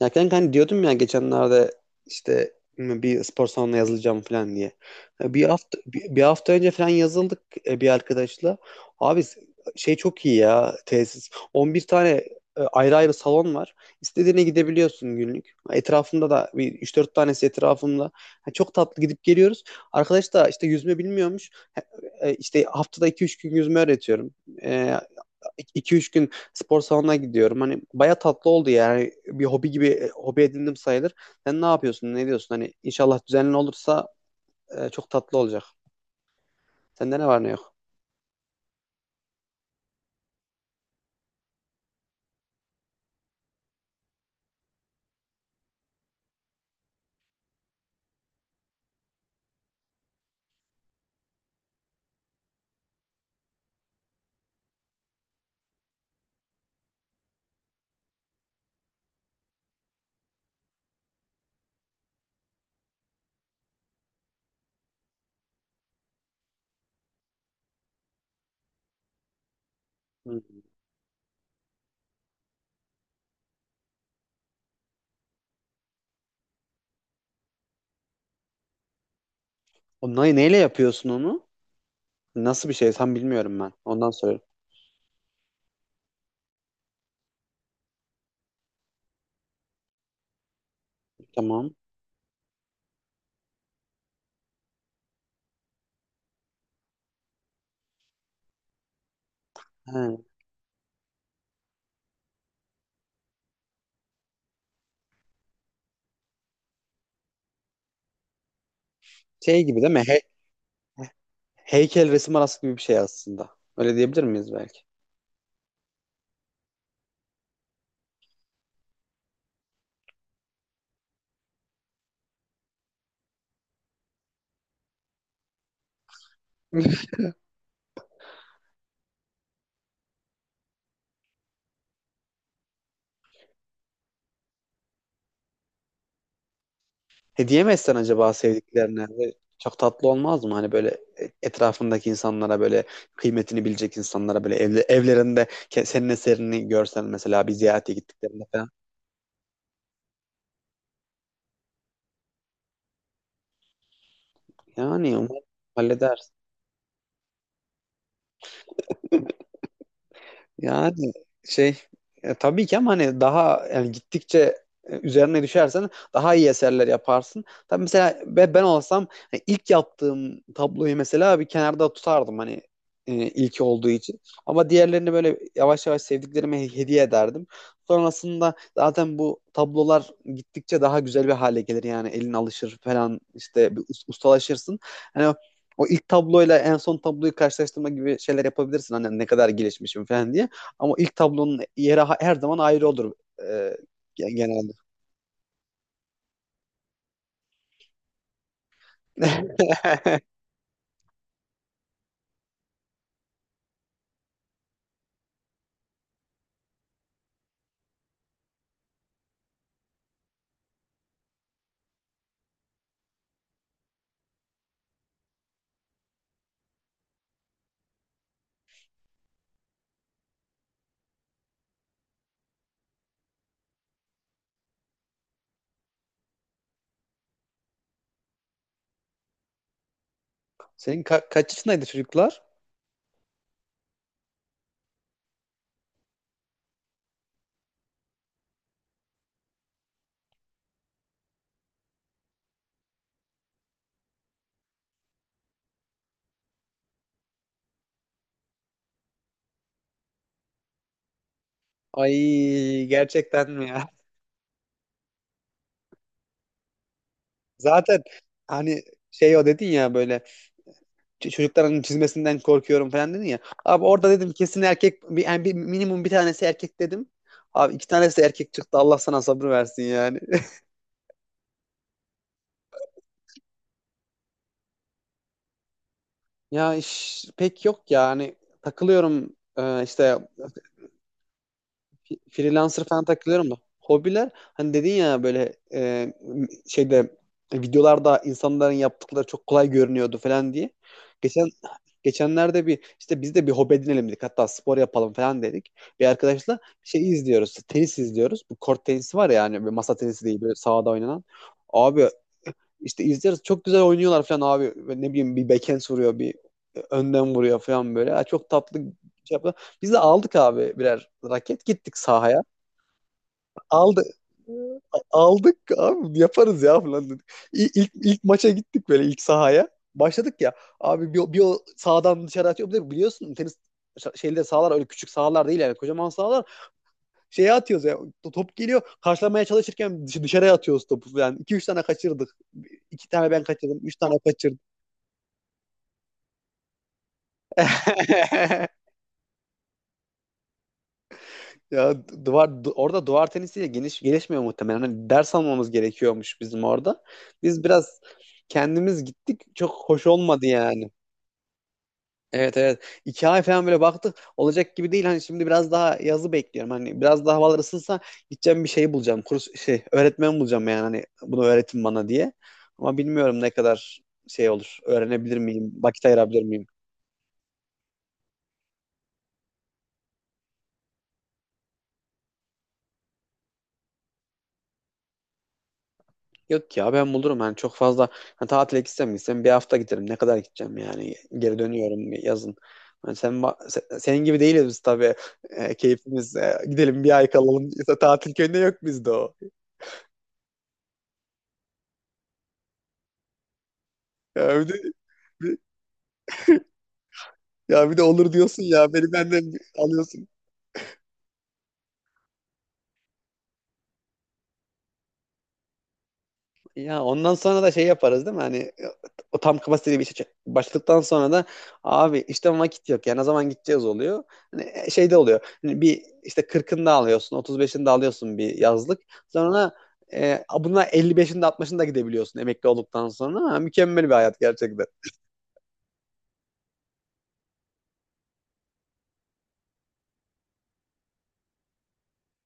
Ya kanka hani diyordum ya geçenlerde işte bir spor salonuna yazılacağım falan diye. Bir hafta önce falan yazıldık, bir arkadaşla. Abi şey çok iyi ya tesis. 11 tane ayrı ayrı salon var. İstediğine gidebiliyorsun günlük. Etrafımda da bir 3-4 tanesi etrafımda. Ha, çok tatlı gidip geliyoruz. Arkadaş da işte yüzme bilmiyormuş. Ha, e, İşte haftada iki üç gün yüzme öğretiyorum. E, 2 üç gün spor salonuna gidiyorum. Hani baya tatlı oldu yani. Bir hobi gibi hobi edindim sayılır. Sen ne yapıyorsun? Ne diyorsun? Hani inşallah düzenli olursa çok tatlı olacak. Sende ne var ne yok? Hmm. O neyle yapıyorsun onu? Nasıl bir şey? Tam bilmiyorum ben. Ondan soruyorum. Tamam. He. Şey gibi değil mi? Heykel resim arası gibi bir şey aslında. Öyle diyebilir miyiz belki? Hediye mi etsen acaba sevdiklerine? Ve çok tatlı olmaz mı? Hani böyle etrafındaki insanlara böyle kıymetini bilecek insanlara böyle evlerinde senin eserini görsen mesela bir ziyarete gittiklerinde falan. Yani umarım halleder. Yani şey tabii ki ama hani daha yani gittikçe üzerine düşersen daha iyi eserler yaparsın. Tabii mesela ben olsam hani ilk yaptığım tabloyu mesela bir kenarda tutardım hani ilk olduğu için. Ama diğerlerini böyle yavaş yavaş sevdiklerime hediye ederdim. Sonrasında zaten bu tablolar gittikçe daha güzel bir hale gelir yani elin alışır falan işte bir ustalaşırsın. Hani o ilk tabloyla en son tabloyu karşılaştırma gibi şeyler yapabilirsin. Hani ne kadar gelişmişim falan diye. Ama ilk tablonun yeri her zaman ayrı olur, e, genelde. Senin kaç yaşındaydı çocuklar? Ay gerçekten mi ya? Zaten hani şey o dedin ya böyle çocukların çizmesinden korkuyorum falan dedin ya. Abi orada dedim kesin erkek bir, yani minimum bir tanesi erkek dedim. Abi iki tanesi erkek çıktı Allah sana sabır versin yani. Ya iş pek yok ya hani takılıyorum, işte Freelancer falan takılıyorum da. Hobiler hani dedin ya böyle şeyde videolarda insanların yaptıkları çok kolay görünüyordu falan diye. Geçen geçenlerde bir işte biz de bir hobi edinelim dedik. Hatta spor yapalım falan dedik. Bir arkadaşla şey izliyoruz. Tenis izliyoruz. Bu kort tenisi var ya hani böyle masa tenisi değil böyle sahada oynanan. Abi işte izliyoruz. Çok güzel oynuyorlar falan abi. Ve ne bileyim bir backhand vuruyor, bir önden vuruyor falan böyle. Ha, çok tatlı şey yapıyor. Biz de aldık abi birer raket gittik sahaya, aldı aldık abi yaparız ya falan dedik. İlk maça gittik böyle ilk sahaya. Başladık ya abi bir o sağdan dışarı atıyor. Bir de biliyorsun tenis şeyde sahalar öyle küçük sahalar değil yani kocaman sahalar. Şeye atıyoruz ya top geliyor karşılamaya çalışırken dışarıya atıyoruz topu yani. İki üç tane kaçırdık. İki tane ben kaçırdım. Üç tane o kaçırdı. Ya duvar orada duvar tenisiyle geniş gelişmiyor muhtemelen. Hani ders almamız gerekiyormuş bizim orada. Biz biraz kendimiz gittik. Çok hoş olmadı yani. Evet evet. 2 ay falan böyle baktık. Olacak gibi değil. Hani şimdi biraz daha yazı bekliyorum. Hani biraz daha havalar ısınsa gideceğim bir şey bulacağım. Kurs şey öğretmen bulacağım yani. Hani bunu öğretin bana diye. Ama bilmiyorum ne kadar şey olur. Öğrenebilir miyim? Vakit ayırabilir miyim? Yok ya ben bulurum yani çok fazla hani tatile gitsem gitsem bir hafta giderim ne kadar gideceğim yani geri dönüyorum yazın. Hani sen senin gibi değiliz biz tabii. Keyfimiz gidelim bir ay kalalım, İşte tatil köyünde yok bizde o. Ya bir de, bir- ya bir de olur diyorsun ya beni benden alıyorsun. Ya ondan sonra da şey yaparız değil mi? Hani o tam kapasiteli bir işe başladıktan sonra da abi işte vakit yok. Yani ne zaman gideceğiz oluyor. Hani şey de oluyor. Hani bir işte 40'ını da alıyorsun, 35'ini de alıyorsun bir yazlık. Sonra buna 55'ini de 60'ını da gidebiliyorsun emekli olduktan sonra. Ha, mükemmel bir hayat gerçekten.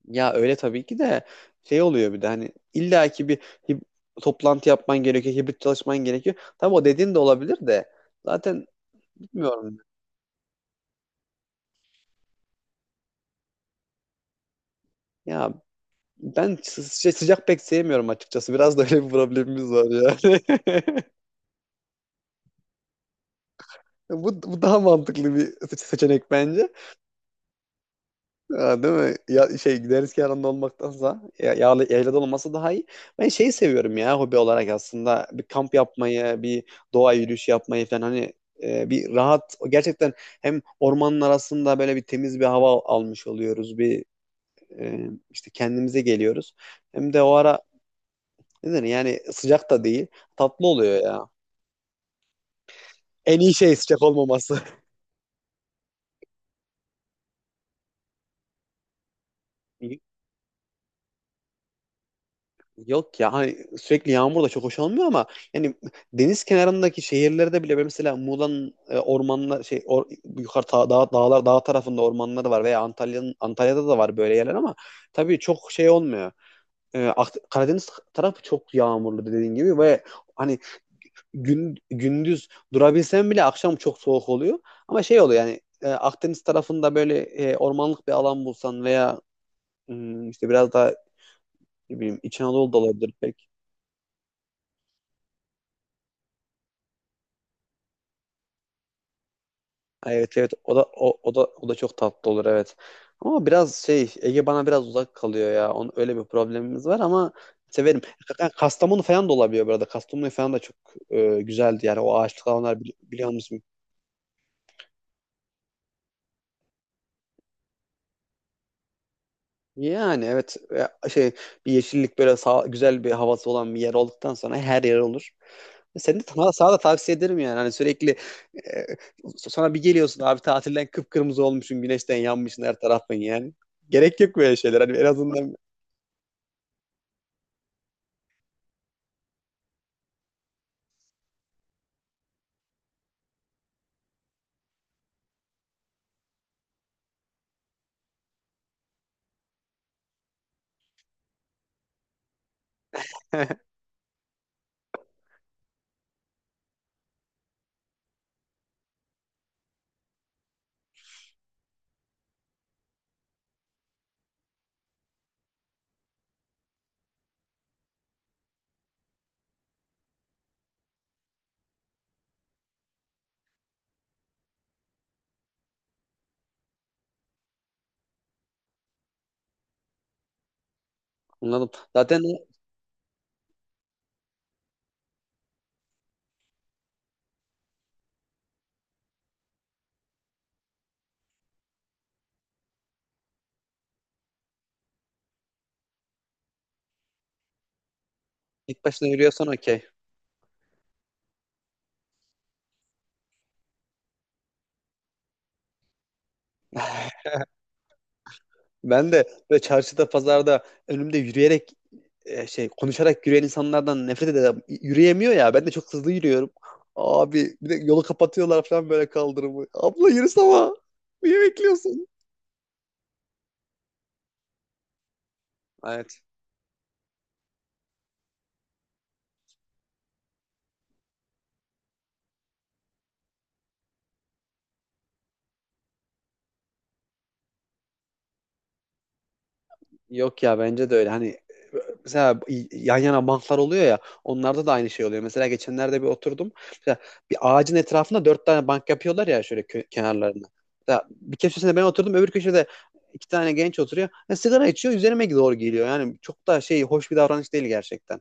Ya öyle tabii ki de şey oluyor bir de hani illaki bir hib- toplantı yapman gerekiyor, hibrit çalışman gerekiyor. Tabii o dediğin de olabilir de zaten bilmiyorum. Ya ben şey, sıcak pek sevmiyorum açıkçası. Biraz da öyle bir problemimiz var yani. Bu daha mantıklı bir seçenek bence. Ha, değil mi? Ya, şey deniz kenarında olmaktansa ya, yağlı, yaylada olması daha iyi. Ben şeyi seviyorum ya hobi olarak aslında. Bir kamp yapmayı, bir doğa yürüyüşü yapmayı falan hani bir rahat gerçekten hem ormanın arasında böyle bir temiz bir hava almış oluyoruz. Bir işte kendimize geliyoruz. Hem de o ara ne denir yani sıcak da değil. Tatlı oluyor ya. En iyi şey sıcak olmaması. Yok ya hani sürekli yağmur da çok hoş olmuyor ama yani deniz kenarındaki şehirlerde bile mesela Muğla'nın ormanlar şey yukarı dağlar dağ tarafında ormanları var veya Antalya'da da var böyle yerler ama tabii çok şey olmuyor. Karadeniz tarafı çok yağmurlu dediğin gibi ve hani gündüz durabilsen bile akşam çok soğuk oluyor. Ama şey oluyor yani Akdeniz tarafında böyle ormanlık bir alan bulsan veya işte biraz daha ne bileyim İç Anadolu da olabilir pek. Ha, evet evet, o da çok tatlı olur evet. Ama biraz şey Ege bana biraz uzak kalıyor ya. Onun öyle bir problemimiz var ama severim. Kastamonu falan da olabiliyor burada. Kastamonu falan da çok güzeldi yani o ağaçlık alanlar biliyor musun? Yani evet şey bir yeşillik böyle güzel bir havası olan bir yer olduktan sonra her yer olur. Sana da tavsiye ederim yani. Hani sürekli e, sonra bir geliyorsun abi tatilden kıpkırmızı olmuşsun, güneşten yanmışsın her tarafın yani. Gerek yok böyle şeyler. Hani en azından anladım. Zaten ilk başına yürüyorsan okey. Ben de böyle çarşıda, pazarda önümde yürüyerek şey konuşarak yürüyen insanlardan nefret ederim. Yürüyemiyor ya. Ben de çok hızlı yürüyorum. Abi bir de yolu kapatıyorlar falan böyle kaldırımı. Abla yürüsene ama. Niye bekliyorsun? Evet. Yok ya bence de öyle. Hani mesela yan yana banklar oluyor ya onlarda da aynı şey oluyor. Mesela geçenlerde bir oturdum. Mesela bir ağacın etrafında dört tane bank yapıyorlar ya şöyle kenarlarına. Mesela bir köşesinde ben oturdum öbür köşede iki tane genç oturuyor. Ya sigara içiyor üzerime doğru geliyor. Yani çok da şey hoş bir davranış değil gerçekten.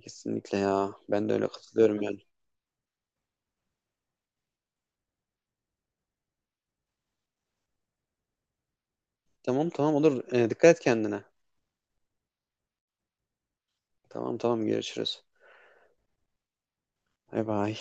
Kesinlikle ya. Ben de öyle katılıyorum yani. Tamam tamam olur. Dikkat et kendine. Tamam tamam görüşürüz. Bay bay.